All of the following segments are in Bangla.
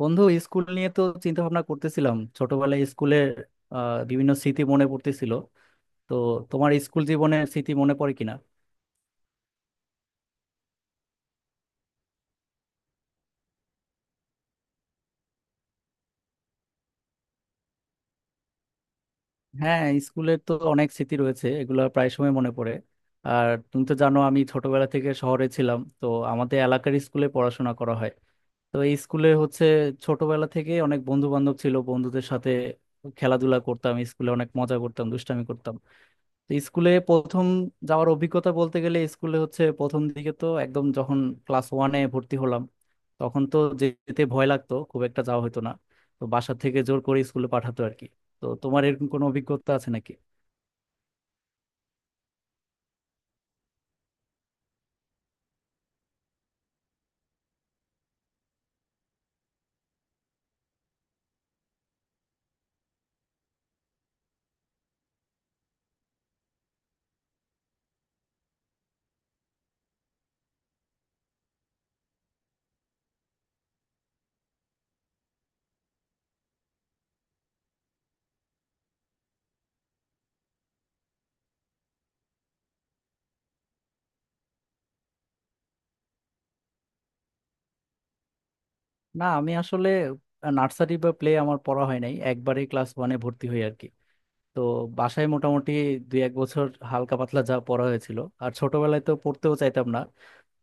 বন্ধু, স্কুল নিয়ে তো চিন্তা ভাবনা করতেছিলাম। ছোটবেলায় স্কুলের বিভিন্ন স্মৃতি মনে পড়তেছিল। তো তোমার স্কুল জীবনের স্মৃতি মনে পড়ে কিনা? হ্যাঁ, স্কুলের তো অনেক স্মৃতি রয়েছে, এগুলো প্রায় সময় মনে পড়ে। আর তুমি তো জানো, আমি ছোটবেলা থেকে শহরে ছিলাম, তো আমাদের এলাকার স্কুলে পড়াশোনা করা হয়। তো এই স্কুলে হচ্ছে, ছোটবেলা থেকে অনেক বন্ধু বান্ধব ছিল। বন্ধুদের সাথে খেলাধুলা করতাম, স্কুলে অনেক মজা করতাম, দুষ্টামি করতাম। তো স্কুলে প্রথম যাওয়ার অভিজ্ঞতা বলতে গেলে, স্কুলে হচ্ছে প্রথম দিকে তো একদম, যখন ক্লাস ওয়ানে ভর্তি হলাম, তখন তো যেতে ভয় লাগতো, খুব একটা যাওয়া হতো না। তো বাসা থেকে জোর করে স্কুলে পাঠাতো আর কি। তো তোমার এরকম কোনো অভিজ্ঞতা আছে নাকি? না, আমি আসলে নার্সারি বা প্লে আমার পড়া হয় নাই, একবারে ক্লাস ওয়ানে ভর্তি হই আর কি। তো বাসায় মোটামুটি দুই এক বছর হালকা পাতলা যা পড়া হয়েছিল। আর ছোটবেলায় তো পড়তেও চাইতাম না।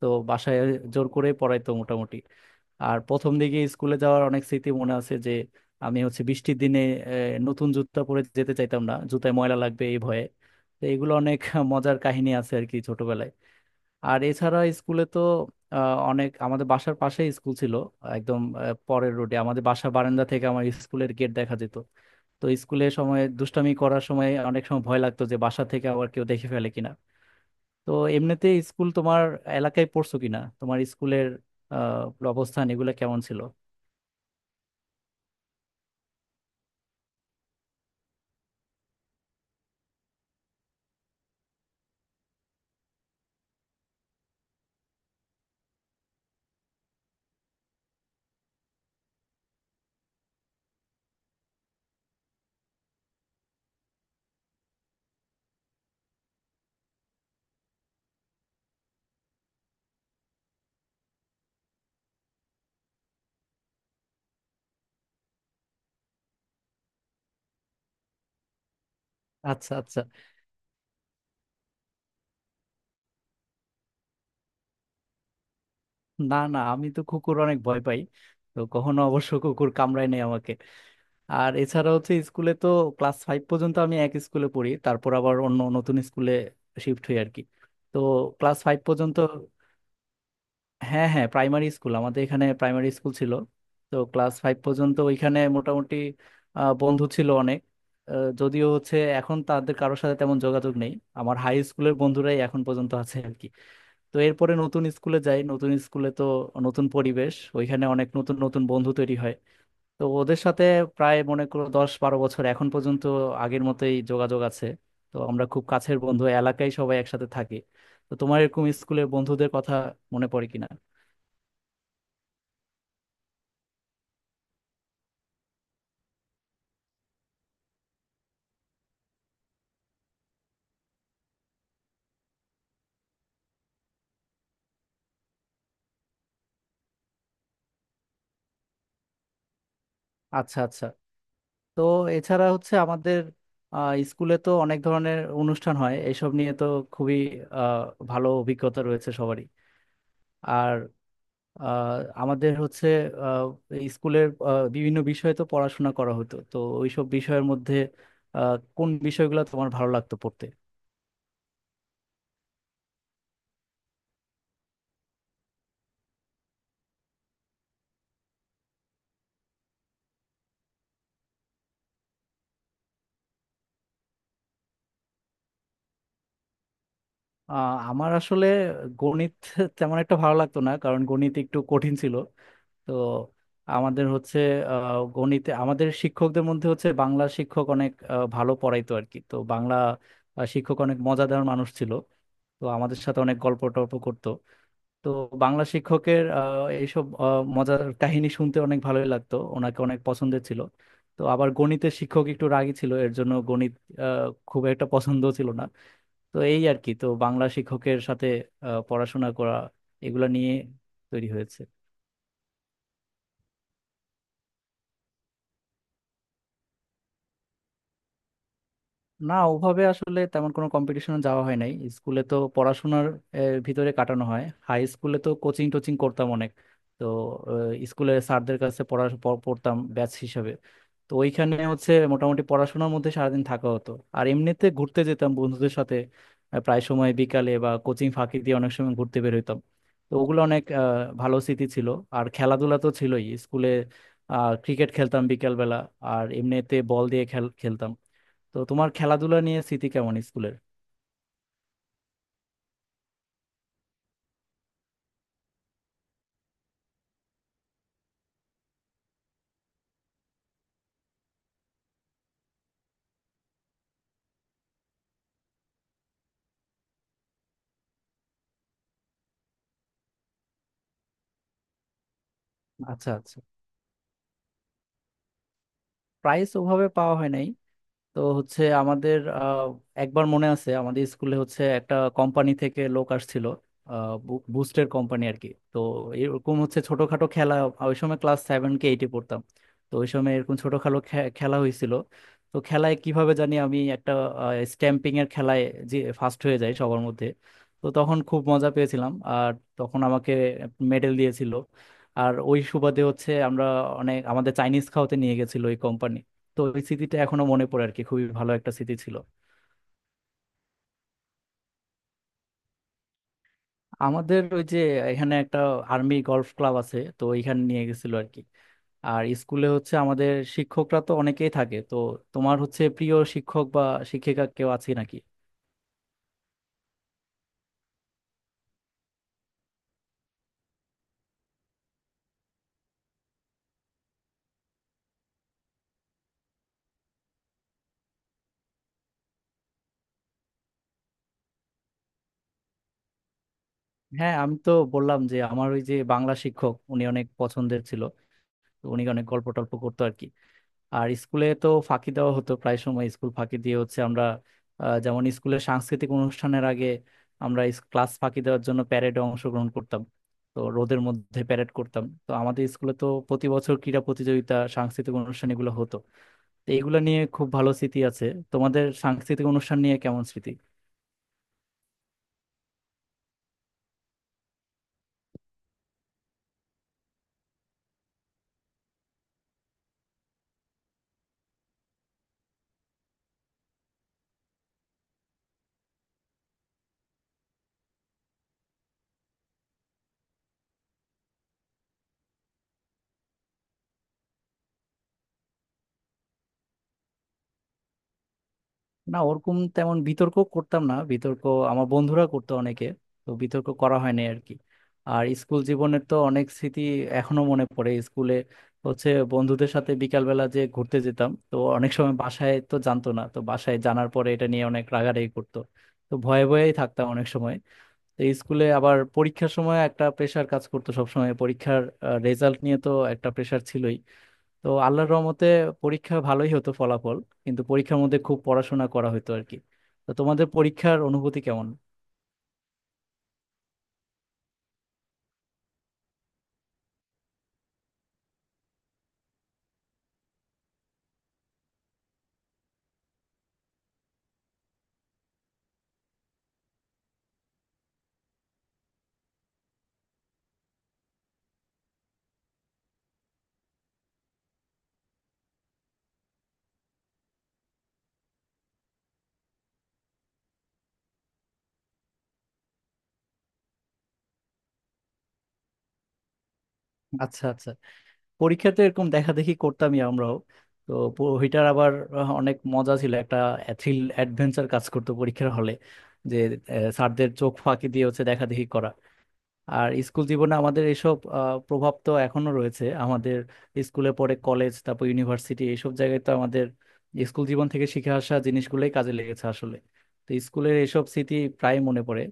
তো বাসায় জোর করে পড়াইতো মোটামুটি। আর প্রথম দিকে স্কুলে যাওয়ার অনেক স্মৃতি মনে আছে। যে আমি হচ্ছে বৃষ্টির দিনে আহ, নতুন জুতা পরে যেতে চাইতাম না, জুতায় ময়লা লাগবে এই ভয়ে। তো এগুলো অনেক মজার কাহিনী আছে আর কি ছোটবেলায়। আর এছাড়া স্কুলে তো অনেক, আমাদের বাসার পাশেই স্কুল ছিল একদম, পরের রোডে। আমাদের বাসা বারান্দা থেকে আমার স্কুলের গেট দেখা যেত। তো স্কুলে সময় দুষ্টামি করার সময় অনেক সময় ভয় লাগতো, যে বাসা থেকে আবার কেউ দেখে ফেলে কিনা। তো এমনিতে স্কুল তোমার এলাকায় পড়ছো কিনা? তোমার স্কুলের অবস্থান এগুলো কেমন ছিল? আচ্ছা, আচ্ছা। না, না, আমি তো কুকুর অনেক ভয় পাই। তো কখনো অবশ্য কুকুর কামড়ায় নাই আমাকে। আর এছাড়া হচ্ছে স্কুলে তো, ক্লাস ফাইভ পর্যন্ত আমি এক স্কুলে পড়ি, তারপর আবার অন্য নতুন স্কুলে শিফট হই আর কি। তো ক্লাস ফাইভ পর্যন্ত। হ্যাঁ, হ্যাঁ, প্রাইমারি স্কুল, আমাদের এখানে প্রাইমারি স্কুল ছিল। তো ক্লাস ফাইভ পর্যন্ত ওইখানে মোটামুটি বন্ধু ছিল অনেক। যদিও হচ্ছে এখন তাদের কারোর সাথে তেমন যোগাযোগ নেই। আমার হাই স্কুলের বন্ধুরাই এখন পর্যন্ত আছে আর কি। তো এরপরে নতুন স্কুলে যাই, নতুন স্কুলে তো নতুন পরিবেশ, ওইখানে অনেক নতুন নতুন বন্ধু তৈরি হয়। তো ওদের সাথে প্রায় মনে করো 10-12 বছর এখন পর্যন্ত আগের মতোই যোগাযোগ আছে। তো আমরা খুব কাছের বন্ধু, এলাকায় সবাই একসাথে থাকি। তো তোমার এরকম স্কুলের বন্ধুদের কথা মনে পড়ে কিনা? আচ্ছা, আচ্ছা। তো এছাড়া হচ্ছে আমাদের স্কুলে তো অনেক ধরনের অনুষ্ঠান হয়, এইসব নিয়ে তো খুবই ভালো অভিজ্ঞতা রয়েছে সবারই। আর আহ, আমাদের হচ্ছে আহ, এই স্কুলের বিভিন্ন বিষয়ে তো পড়াশোনা করা হতো, তো ওইসব বিষয়ের মধ্যে কোন বিষয়গুলো তোমার ভালো লাগতো পড়তে? আমার আসলে গণিত তেমন একটা ভালো লাগতো না, কারণ গণিত একটু কঠিন ছিল। তো আমাদের হচ্ছে গণিতে, আমাদের শিক্ষকদের মধ্যে হচ্ছে বাংলা শিক্ষক অনেক ভালো পড়াইতো আর কি। তো বাংলা শিক্ষক অনেক মজাদার মানুষ ছিল। তো আমাদের সাথে অনেক গল্প টল্প করতো। তো বাংলা শিক্ষকের এইসব মজার কাহিনী শুনতে অনেক ভালোই লাগতো, ওনাকে অনেক পছন্দের ছিল। তো আবার গণিতের শিক্ষক একটু রাগী ছিল, এর জন্য গণিত খুব একটা পছন্দ ছিল না। তো এই আর কি। তো বাংলা শিক্ষকের সাথে পড়াশোনা করা, এগুলা নিয়ে তৈরি হয়েছে। না, ওভাবে আসলে তেমন কোনো কম্পিটিশনে যাওয়া হয় নাই। স্কুলে তো পড়াশোনার ভিতরে কাটানো হয়। হাই স্কুলে তো কোচিং টোচিং করতাম অনেক। তো স্কুলের স্যারদের কাছে পড়া পড়তাম ব্যাচ হিসাবে। তো ওইখানে হচ্ছে মোটামুটি পড়াশোনার মধ্যে সারাদিন থাকা হতো। আর এমনিতে ঘুরতে যেতাম বন্ধুদের সাথে। প্রায় সময় বিকালে বা কোচিং ফাঁকি দিয়ে অনেক সময় ঘুরতে বের হইতাম। তো ওগুলো অনেক ভালো স্মৃতি ছিল। আর খেলাধুলা তো ছিলই স্কুলে। ক্রিকেট খেলতাম বিকেলবেলা। আর এমনিতে বল দিয়ে খেল খেলতাম। তো তোমার খেলাধুলা নিয়ে স্মৃতি কেমন স্কুলের? আচ্ছা, আচ্ছা। প্রাইজ ওভাবে পাওয়া হয় নাই। তো হচ্ছে আমাদের, একবার মনে আছে আমাদের স্কুলে হচ্ছে একটা কোম্পানি থেকে লোক আসছিল। বুস্টের কোম্পানি আর কি। তো এরকম হচ্ছে ছোটখাটো খেলা। ওই সময় ক্লাস সেভেন কে এইটে পড়তাম। তো ওই সময় এরকম ছোটখাটো খেলা হয়েছিল। তো খেলায় কিভাবে জানি আমি একটা স্ট্যাম্পিং এর খেলায় যে ফার্স্ট হয়ে যাই সবার মধ্যে। তো তখন খুব মজা পেয়েছিলাম, আর তখন আমাকে মেডেল দিয়েছিল। আর ওই সুবাদে হচ্ছে আমরা, অনেক, আমাদের চাইনিজ খাওয়াতে নিয়ে গেছিল ওই কোম্পানি। তো ওই স্মৃতিটা এখনো মনে পড়ে আর কি। খুবই ভালো একটা স্মৃতি ছিল। আমাদের ওই যে এখানে একটা আর্মি গলফ ক্লাব আছে, তো ওইখানে নিয়ে গেছিল আর কি। আর স্কুলে হচ্ছে আমাদের শিক্ষকরা তো অনেকেই থাকে। তো তোমার হচ্ছে প্রিয় শিক্ষক বা শিক্ষিকা কেউ আছে নাকি? হ্যাঁ, আমি তো বললাম যে আমার ওই যে বাংলা শিক্ষক, উনি অনেক পছন্দের ছিল। তো উনি অনেক গল্প টল্প করতো আর কি। আর স্কুলে তো ফাঁকি দেওয়া হতো প্রায় সময়। স্কুল ফাঁকি দিয়ে হচ্ছে আমরা, যেমন স্কুলের সাংস্কৃতিক অনুষ্ঠানের আগে আমরা ক্লাস ফাঁকি দেওয়ার জন্য প্যারেডে অংশগ্রহণ করতাম। তো রোদের মধ্যে প্যারেড করতাম। তো আমাদের স্কুলে তো প্রতি বছর ক্রীড়া প্রতিযোগিতা, সাংস্কৃতিক অনুষ্ঠান এগুলো হতো। তো এগুলো নিয়ে খুব ভালো স্মৃতি আছে। তোমাদের সাংস্কৃতিক অনুষ্ঠান নিয়ে কেমন স্মৃতি? না, ওরকম তেমন বিতর্ক করতাম না। বিতর্ক আমার বন্ধুরা করতো অনেকে। তো বিতর্ক করা হয়নি আর কি। আর স্কুল জীবনের তো অনেক স্মৃতি এখনো মনে পড়ে। স্কুলে হচ্ছে বন্ধুদের সাথে বিকালবেলা যে ঘুরতে যেতাম, তো অনেক সময় বাসায় তো জানতো না, তো বাসায় জানার পরে এটা নিয়ে অনেক রাগারাগি করতো। তো ভয়ে ভয়েই থাকতাম অনেক সময়। তো স্কুলে আবার পরীক্ষার সময় একটা প্রেশার কাজ করতো সব সময়। পরীক্ষার রেজাল্ট নিয়ে তো একটা প্রেশার ছিলই। তো আল্লাহর রহমতে পরীক্ষা ভালোই হতো ফলাফল। কিন্তু পরীক্ষার মধ্যে খুব পড়াশোনা করা হতো আর কি। তো তোমাদের পরীক্ষার অনুভূতি কেমন? আচ্ছা, আচ্ছা। পরীক্ষাতে এরকম দেখা দেখি করতামই আমরাও। তো ওইটার আবার অনেক মজা ছিল। একটা থ্রিল অ্যাডভেঞ্চার কাজ করতো পরীক্ষার হলে, যে স্যারদের চোখ ফাঁকি দিয়ে হচ্ছে দেখা দেখি করা। আর স্কুল জীবনে আমাদের এসব প্রভাব তো এখনো রয়েছে আমাদের। স্কুলে পড়ে, কলেজ, তারপর ইউনিভার্সিটি এসব জায়গায় তো আমাদের স্কুল জীবন থেকে শিখে আসা জিনিসগুলোই কাজে লেগেছে আসলে। তো স্কুলের এসব স্মৃতি প্রায় মনে পড়ে।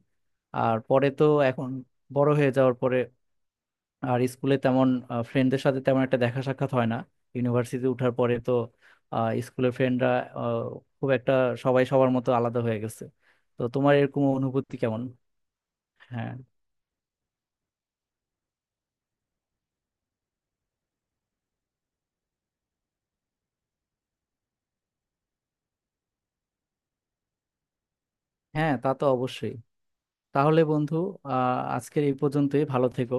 আর পরে তো এখন বড় হয়ে যাওয়ার পরে, আর স্কুলে তেমন ফ্রেন্ডদের সাথে তেমন একটা দেখা সাক্ষাৎ হয় না। ইউনিভার্সিটি ওঠার পরে তো স্কুলের ফ্রেন্ডরা খুব একটা, সবাই সবার মতো আলাদা হয়ে গেছে। তো তোমার এরকম অনুভূতি কেমন? হ্যাঁ। হ্যাঁ, তা তো অবশ্যই। তাহলে বন্ধু, আজকের এই পর্যন্তই। ভালো থেকো।